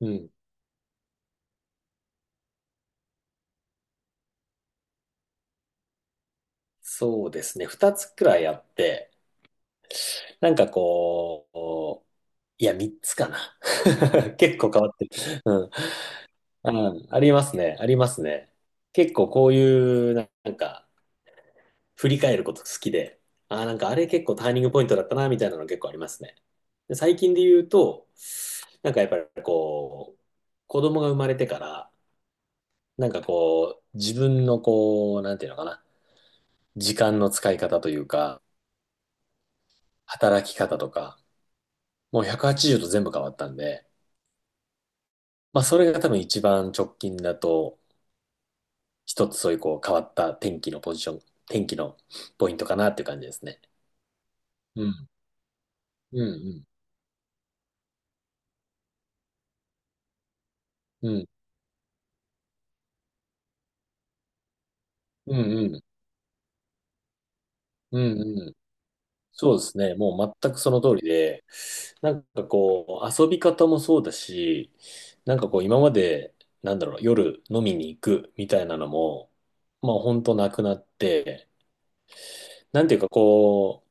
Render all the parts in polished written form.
うん。そうですね。二つくらいあって、なんかこう、三つかな。結構変わってる。うん。うありますね。ありますね。結構こういう、なんか、振り返ること好きで、あれ結構ターニングポイントだったな、みたいなの結構ありますね。で最近で言うと、やっぱりこう、子供が生まれてから、自分のこう、なんていうのかな、時間の使い方というか、働き方とか、もう180度全部変わったんで、まあそれが多分一番直近だと、一つそういうこう変わった天気のポジション、天気のポイントかなっていう感じですね。うん。うんうん。うん。うんうん。うんうん。そうですね。もう全くその通りで、遊び方もそうだし、なんかこう、今まで、なんだろう、夜飲みに行くみたいなのも、まあ本当なくなって、なんていうかこう、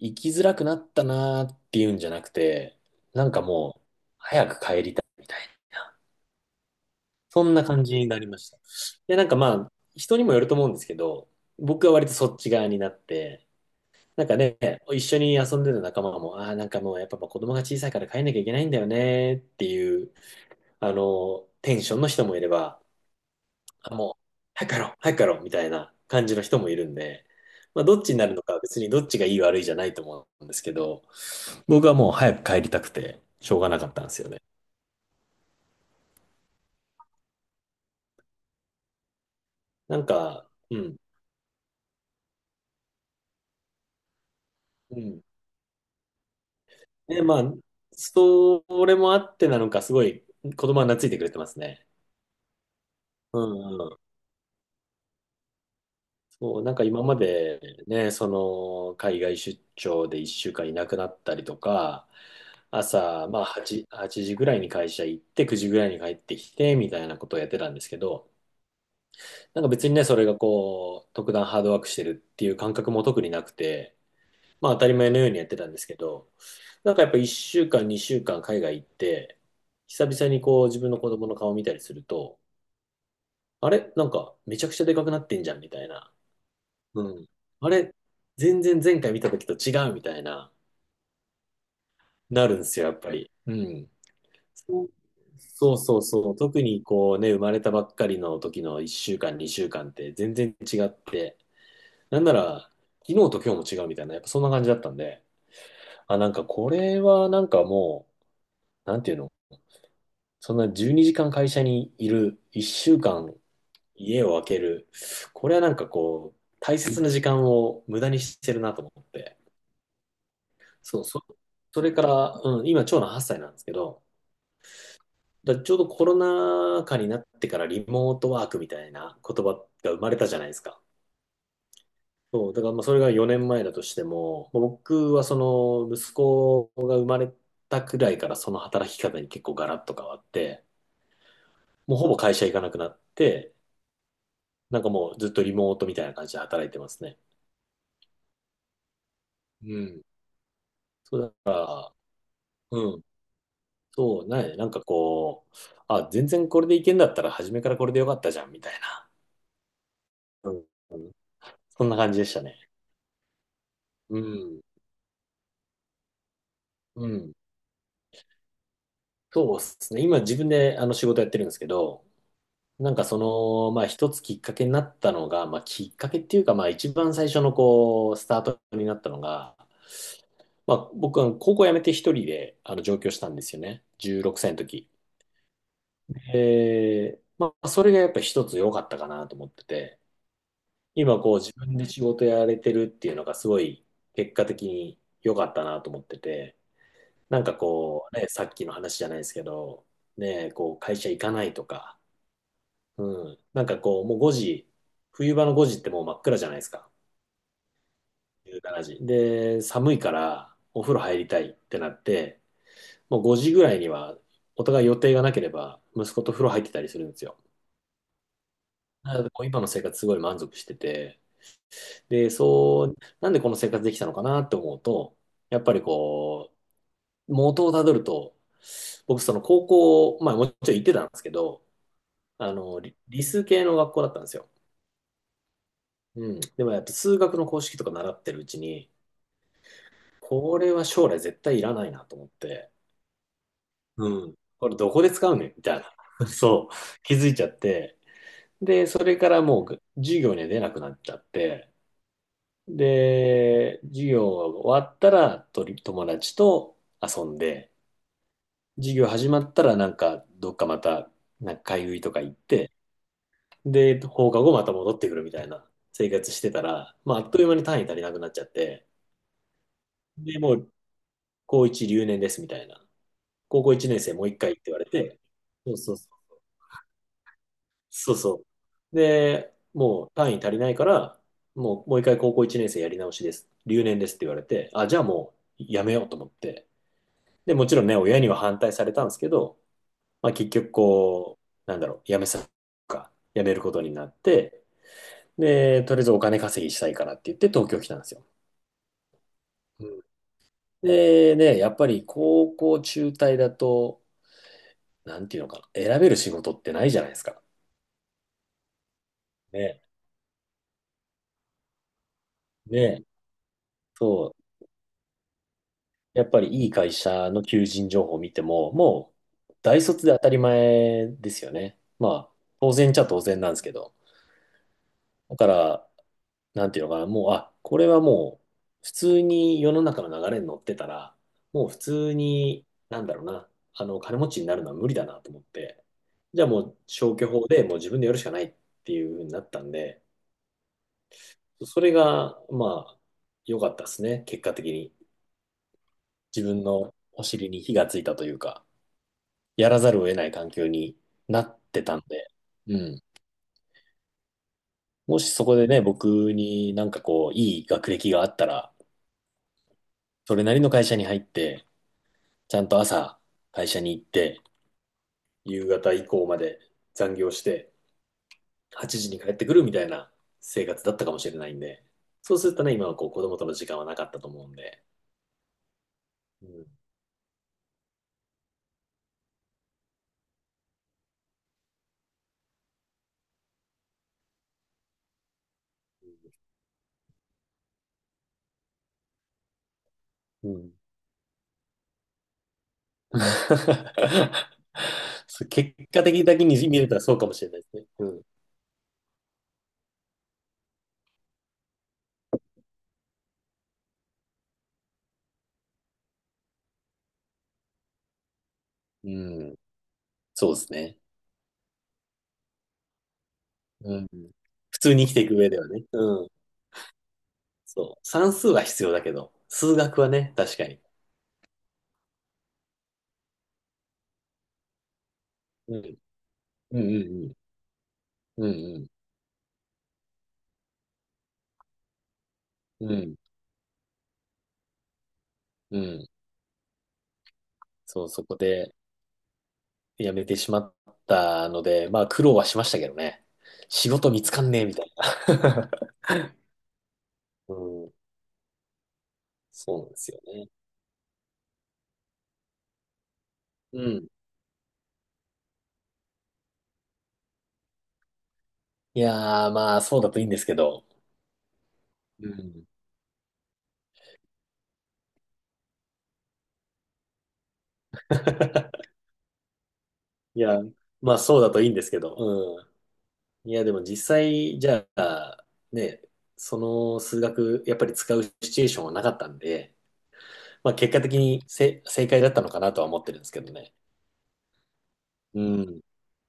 生きづらくなったなーっていうんじゃなくて、なんかもう、みたいな。そんな感じになりました。で、なんかまあ、人にもよると思うんですけど、僕は割とそっち側になって、なんかね、一緒に遊んでた仲間も、ああ、なんかもうやっぱまあ子供が小さいから帰んなきゃいけないんだよねっていう、あの、テンションの人もいれば、あ、もう、早く帰ろう、早く帰ろう、みたいな感じの人もいるんで、まあ、どっちになるのかは別にどっちがいい悪いじゃないと思うんですけど、僕はもう早く帰りたくて、しょうがなかったんですよね。なんか、うん、うん。で、まあ、それもあってなのか、すごい子供は懐いてくれてますね。うんそう、なんか今までね、その海外出張で1週間いなくなったりとか、朝、まあ8時ぐらいに会社行って、9時ぐらいに帰ってきて、みたいなことをやってたんですけど、なんか別にね、それがこう、特段ハードワークしてるっていう感覚も特になくて、まあ当たり前のようにやってたんですけど、なんかやっぱ1週間、2週間海外行って、久々にこう自分の子供の顔見たりすると、あれなんかめちゃくちゃでかくなってんじゃんみたいな。うん。あれ、全然前回見た時と違うみたいな、なるんですよ、やっぱり。うん。そうそうそうそう。特にこうね、生まれたばっかりの時の1週間、2週間って全然違って、なんなら、昨日と今日も違うみたいな、やっぱそんな感じだったんで、あ、なんかこれはなんかもう、なんていうの、そんな12時間会社にいる、1週間家を空ける、これはなんかこう、大切な時間を無駄にしてるなと思って。そう、そ、それから、うん、今、長男8歳なんですけど、だちょうどコロナ禍になってからリモートワークみたいな言葉が生まれたじゃないですか。そう、だからまあそれが4年前だとしても、まあ僕はその息子が生まれたくらいからその働き方に結構ガラッと変わって、もうほぼ会社行かなくなって、なんかもうずっとリモートみたいな感じで働いてますね。うん。そうだから、うん。そう、ないなんかこう、あ、全然これでいけんだったら初めからこれでよかったじゃんみたいな。うんうん。そんな感じでしたね。うん。うん。そうですね。今自分であの仕事やってるんですけど、なんかその、まあ一つきっかけになったのが、まあきっかけっていうか、まあ一番最初のこう、スタートになったのが、まあ僕は高校辞めて一人であの上京したんですよね。16歳の時。え、まあそれがやっぱ一つ良かったかなと思ってて、今こう自分で仕事やれてるっていうのがすごい結果的に良かったなと思ってて、なんかこう、ね、さっきの話じゃないですけど、ね、こう会社行かないとか、うん、なんかこう、もう5時、冬場の5時ってもう真っ暗じゃないですか、1時。で、寒いからお風呂入りたいってなって、もう5時ぐらいにはお互い予定がなければ、息子と風呂入ってたりするんですよ。なので、こう今の生活すごい満足してて、で、そう、なんでこの生活できたのかなって思うと、やっぱり元をたどると、僕その校、まあもちろん行ってたんですけど、あの、理数系の学校だったんですよ。うん。でもやっぱ数学の公式とか習ってるうちに、これは将来絶対いらないなと思って、うん。これどこで使うねんみたいな。そう。気づいちゃって。で、それからもう授業には出なくなっちゃって、で、授業が終わったらとり友達と遊んで、授業始まったらなんかどっかまたなんか買い食いとか行って、で、放課後また戻ってくるみたいな生活してたら、まあ、あっという間に単位足りなくなっちゃって、で、もう、高1留年ですみたいな。高校1年生もう一回って言われて、そうそうそう。で、もう単位足りないから、もう、もう一回高校1年生やり直しです。留年ですって言われて、あ、じゃあもうやめようと思って。で、もちろんね、親には反対されたんですけど、まあ結局こう、なんだろう、やめることになって、で、とりあえずお金稼ぎしたいからって言って東京来たんですよ。うんでね、やっぱり高校中退だと、なんていうのかな、選べる仕事ってないじゃないですか。ね、ね、そう。やっぱりいい会社の求人情報を見ても、もう大卒で当たり前ですよね。まあ、当然っちゃ当然なんですけど。だから、なんていうのかな、もう、あ、これはもう、普通に世の中の流れに乗ってたら、もう普通に、なんだろうな、あの、金持ちになるのは無理だなと思って、じゃあもう消去法でもう自分でやるしかないっていう風になったんで、それが、まあ、良かったですね、結果的に。自分のお尻に火がついたというか、やらざるを得ない環境になってたんで、うん。もしそこでね、僕になんかこう、いい学歴があったら、それなりの会社に入って、ちゃんと朝会社に行って、夕方以降まで残業して、8時に帰ってくるみたいな生活だったかもしれないんで、そうするとね、今はこう子供との時間はなかったと思うんで、うん。うん。そう結果的だけに見れたらそうかもしれないですね。うん。うん。そうですね。うん。普通に生きていく上ではね。うん。そう。算数は必要だけど、数学はね、確かに。うん。うんうんうん。うんうん。うん。うん。そう、そこで辞めてしまったので、まあ苦労はしましたけどね。仕事見つかんねえみたいな。うん。そうなんですよね。うん。いやー、まあそうだといいんですけど。うん。いや、まあそうだといいんですけど。うん。いや、でも実際、じゃあ、ね、その数学、やっぱり使うシチュエーションはなかったんで、まあ結果的に正解だったのかなとは思ってるんですけどね。うん。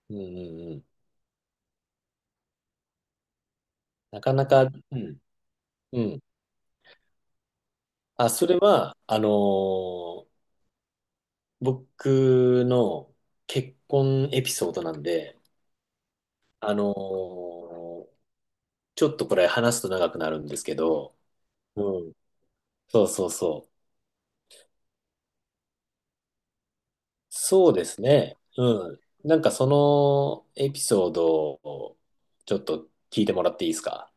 うんうんうん。なかなか、うん。うん。あ、それは、あのー僕の結婚エピソードなんで、あのーちょっとこれ話すと長くなるんですけど、うん。そうそうそう。そうですね。うん。なんかそのエピソードをちょっと聞いてもらっていいですか